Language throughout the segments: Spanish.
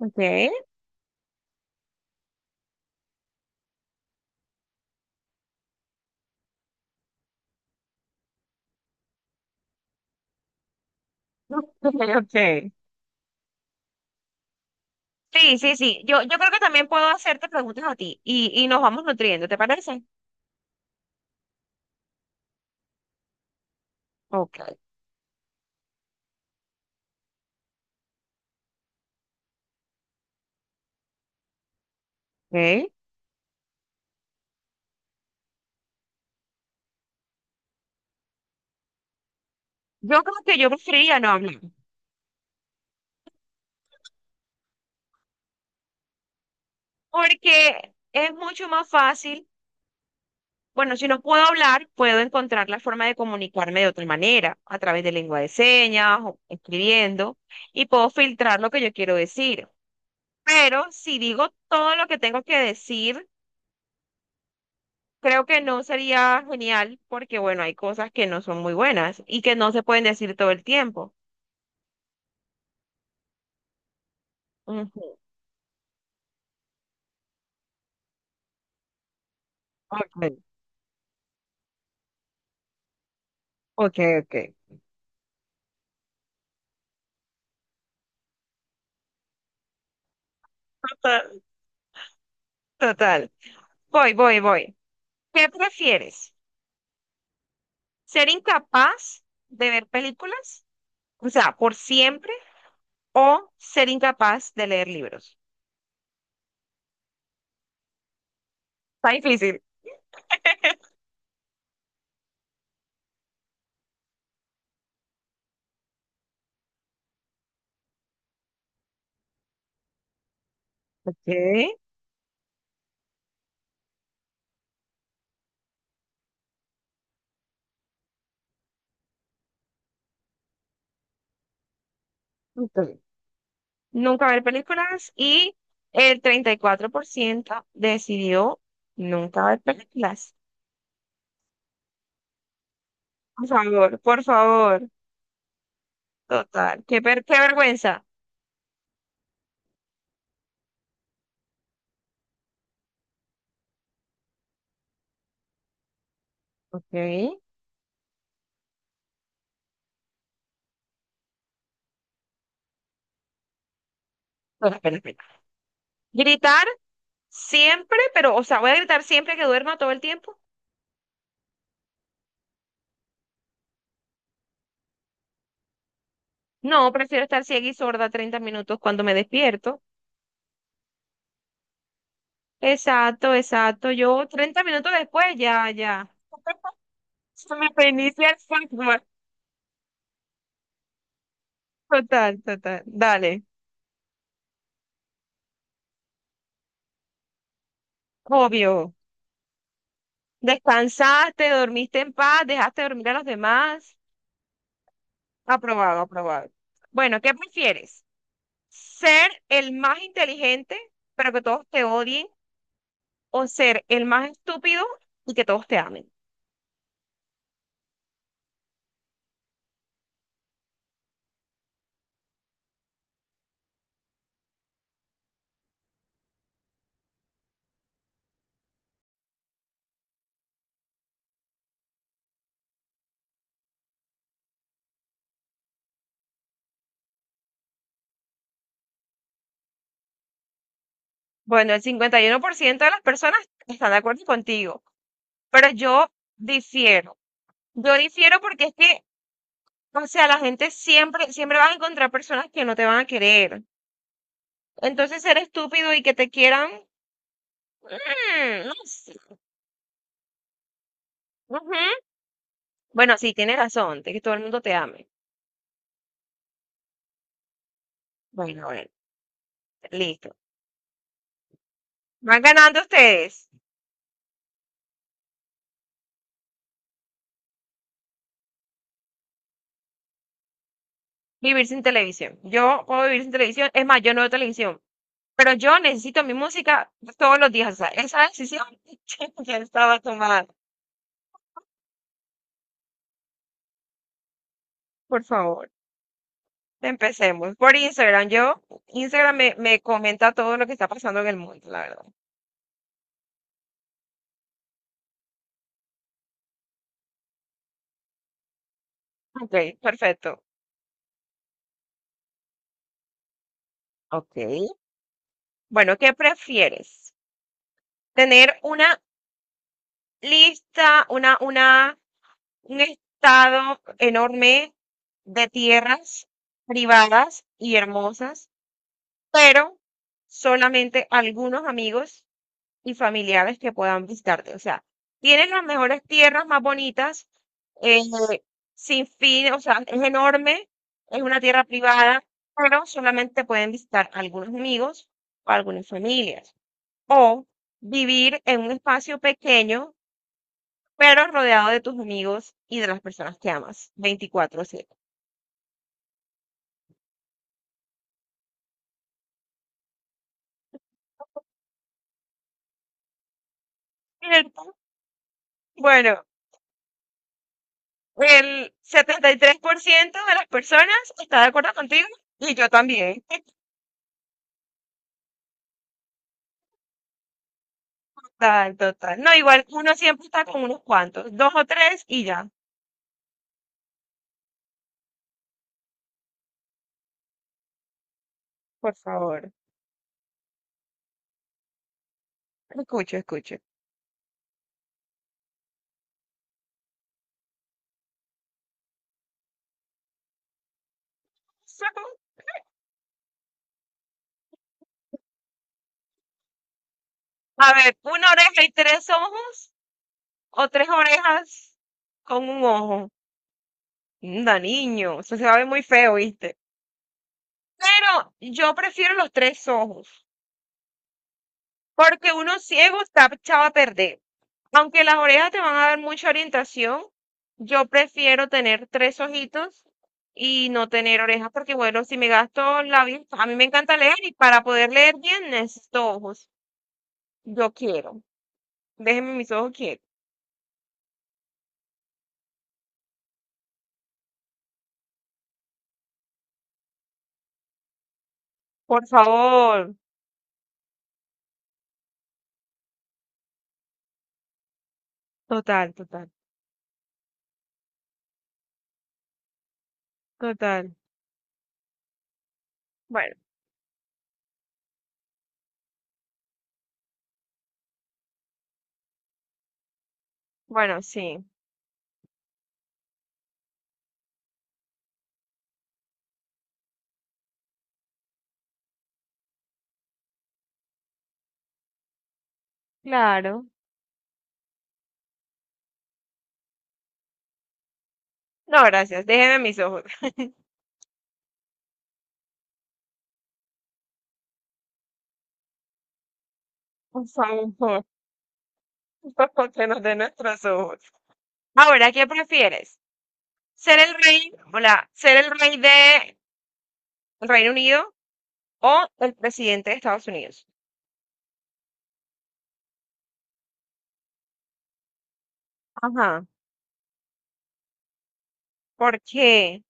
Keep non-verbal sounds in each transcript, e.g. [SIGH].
Okay. [LAUGHS] Okay, okay. Sí, sí, sí. Yo creo que también puedo hacerte preguntas a ti y nos vamos nutriendo, ¿te parece? Okay. Okay. Yo creo que yo preferiría no hablar, porque es mucho más fácil. Bueno, si no puedo hablar, puedo encontrar la forma de comunicarme de otra manera, a través de lengua de señas o escribiendo, y puedo filtrar lo que yo quiero decir. Pero si digo todo lo que tengo que decir, creo que no sería genial porque, bueno, hay cosas que no son muy buenas y que no se pueden decir todo el tiempo. Ujú. Ok, ok, ok. Total, total. Voy, voy, voy. ¿Qué prefieres? ¿Ser incapaz de ver películas? O sea, por siempre, o ser incapaz de leer libros. Está difícil. [LAUGHS] Ok. Ok. Nunca ver películas y el 34% decidió nunca ver películas. Por favor, por favor. Total, qué vergüenza. Ok. Espera, espera, espera. Gritar siempre, pero, o sea, voy a gritar siempre que duerma todo el tiempo. No, prefiero estar ciega y sorda 30 minutos cuando me despierto. Exacto, exacto. Yo 30 minutos después, ya, ya. [LAUGHS] Se me reinicia el software. Total, total. Dale. Obvio. Descansaste, dormiste en paz, dejaste dormir a los demás. Aprobado, aprobado. Bueno, ¿qué prefieres? ¿Ser el más inteligente, pero que todos te odien? ¿O ser el más estúpido y que todos te amen? Bueno, el 51% de las personas están de acuerdo contigo, pero yo difiero. Yo difiero porque es que, o sea, la gente siempre, siempre vas a encontrar personas que no te van a querer. Entonces, ser estúpido y que te quieran, no sé. Ujú. Bueno, sí, tienes razón, de que todo el mundo te ame. Bueno, bueno, listo. Van ganando ustedes. Vivir sin televisión. Yo puedo vivir sin televisión. Es más, yo no veo televisión. Pero yo necesito mi música todos los días. O sea, esa decisión [LAUGHS] ya estaba tomada. Por favor, empecemos. Por Instagram. Instagram me comenta todo lo que está pasando en el mundo, la verdad. Ok, perfecto. Ok. Bueno, ¿qué prefieres? ¿Tener una lista, una Un estado enorme de tierras privadas y hermosas, pero solamente algunos amigos y familiares que puedan visitarte? O sea, tienen las mejores tierras, más bonitas, eh, sin fin, o sea, es enorme, es una tierra privada, pero solamente pueden visitar algunos amigos o algunas familias. O vivir en un espacio pequeño pero rodeado de tus amigos y de las personas que amas. Veinticuatro, 7. ¿Cierto? Bueno, el 73% de las personas está de acuerdo contigo y yo también. Total, total. No, igual uno siempre está con unos cuantos, dos o tres y ya. Por favor, escucho, escucho. A ver, una oreja y tres ojos o tres orejas con un ojo. Anda, niño, eso se va a ver muy feo, ¿viste? Pero yo prefiero los tres ojos. Porque uno ciego está echado a perder. Aunque las orejas te van a dar mucha orientación, yo prefiero tener tres ojitos y no tener orejas, porque bueno, si me gasto la vista, a mí me encanta leer y para poder leer bien necesito ojos. Yo quiero. Déjenme mis ojos quietos. Por favor. Total, total, total. Bueno, bueno, sí. Claro. No, gracias. Déjenme mis ojos. [LAUGHS] Por favor. [LAUGHS] Porque no de nuestros ojos. Ahora, ¿qué prefieres? Ser el rey de el Reino Unido o el presidente de Estados Unidos? Ajá. ¿Por qué?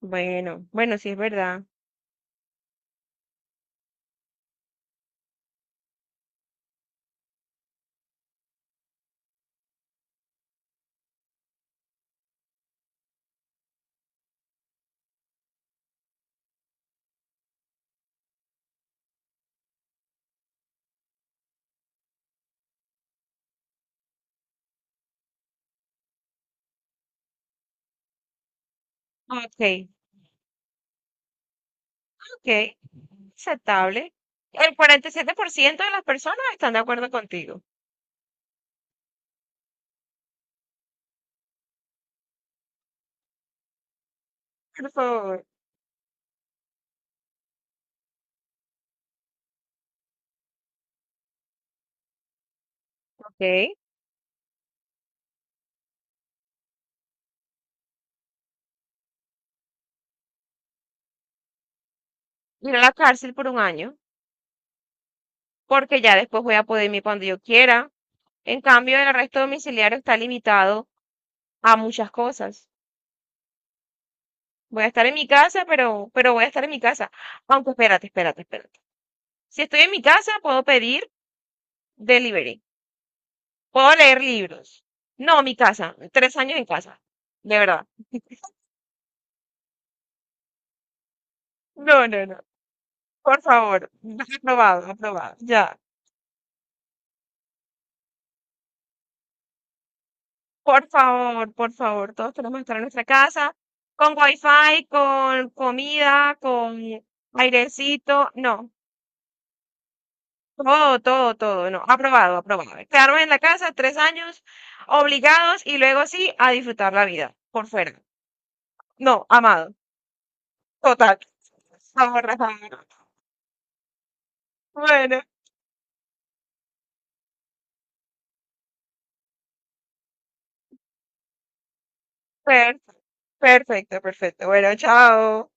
Bueno, bueno, sí es verdad. Ok, ok, aceptable. El 47% de las personas están de acuerdo contigo. Por favor. Ok. Ir a la cárcel por un año, porque ya después voy a poder irme cuando yo quiera. En cambio, el arresto domiciliario está limitado a muchas cosas. Voy a estar en mi casa, pero voy a estar en mi casa. Aunque espérate, espérate, espérate. Si estoy en mi casa, puedo pedir delivery. Puedo leer libros. No, mi casa. 3 años en casa. De verdad. No, no, no. Por favor. [LAUGHS] Aprobado, aprobado. Ya. Por favor, por favor. Todos queremos estar en nuestra casa. Con wifi, con comida, con airecito. No. Todo, todo, todo. No. Aprobado, aprobado. Quedarme en la casa 3 años obligados y luego sí a disfrutar la vida por fuera. No, amado. Total. Por favor, Rafael. Bueno, per- perfecto, perfecto. Bueno, chao.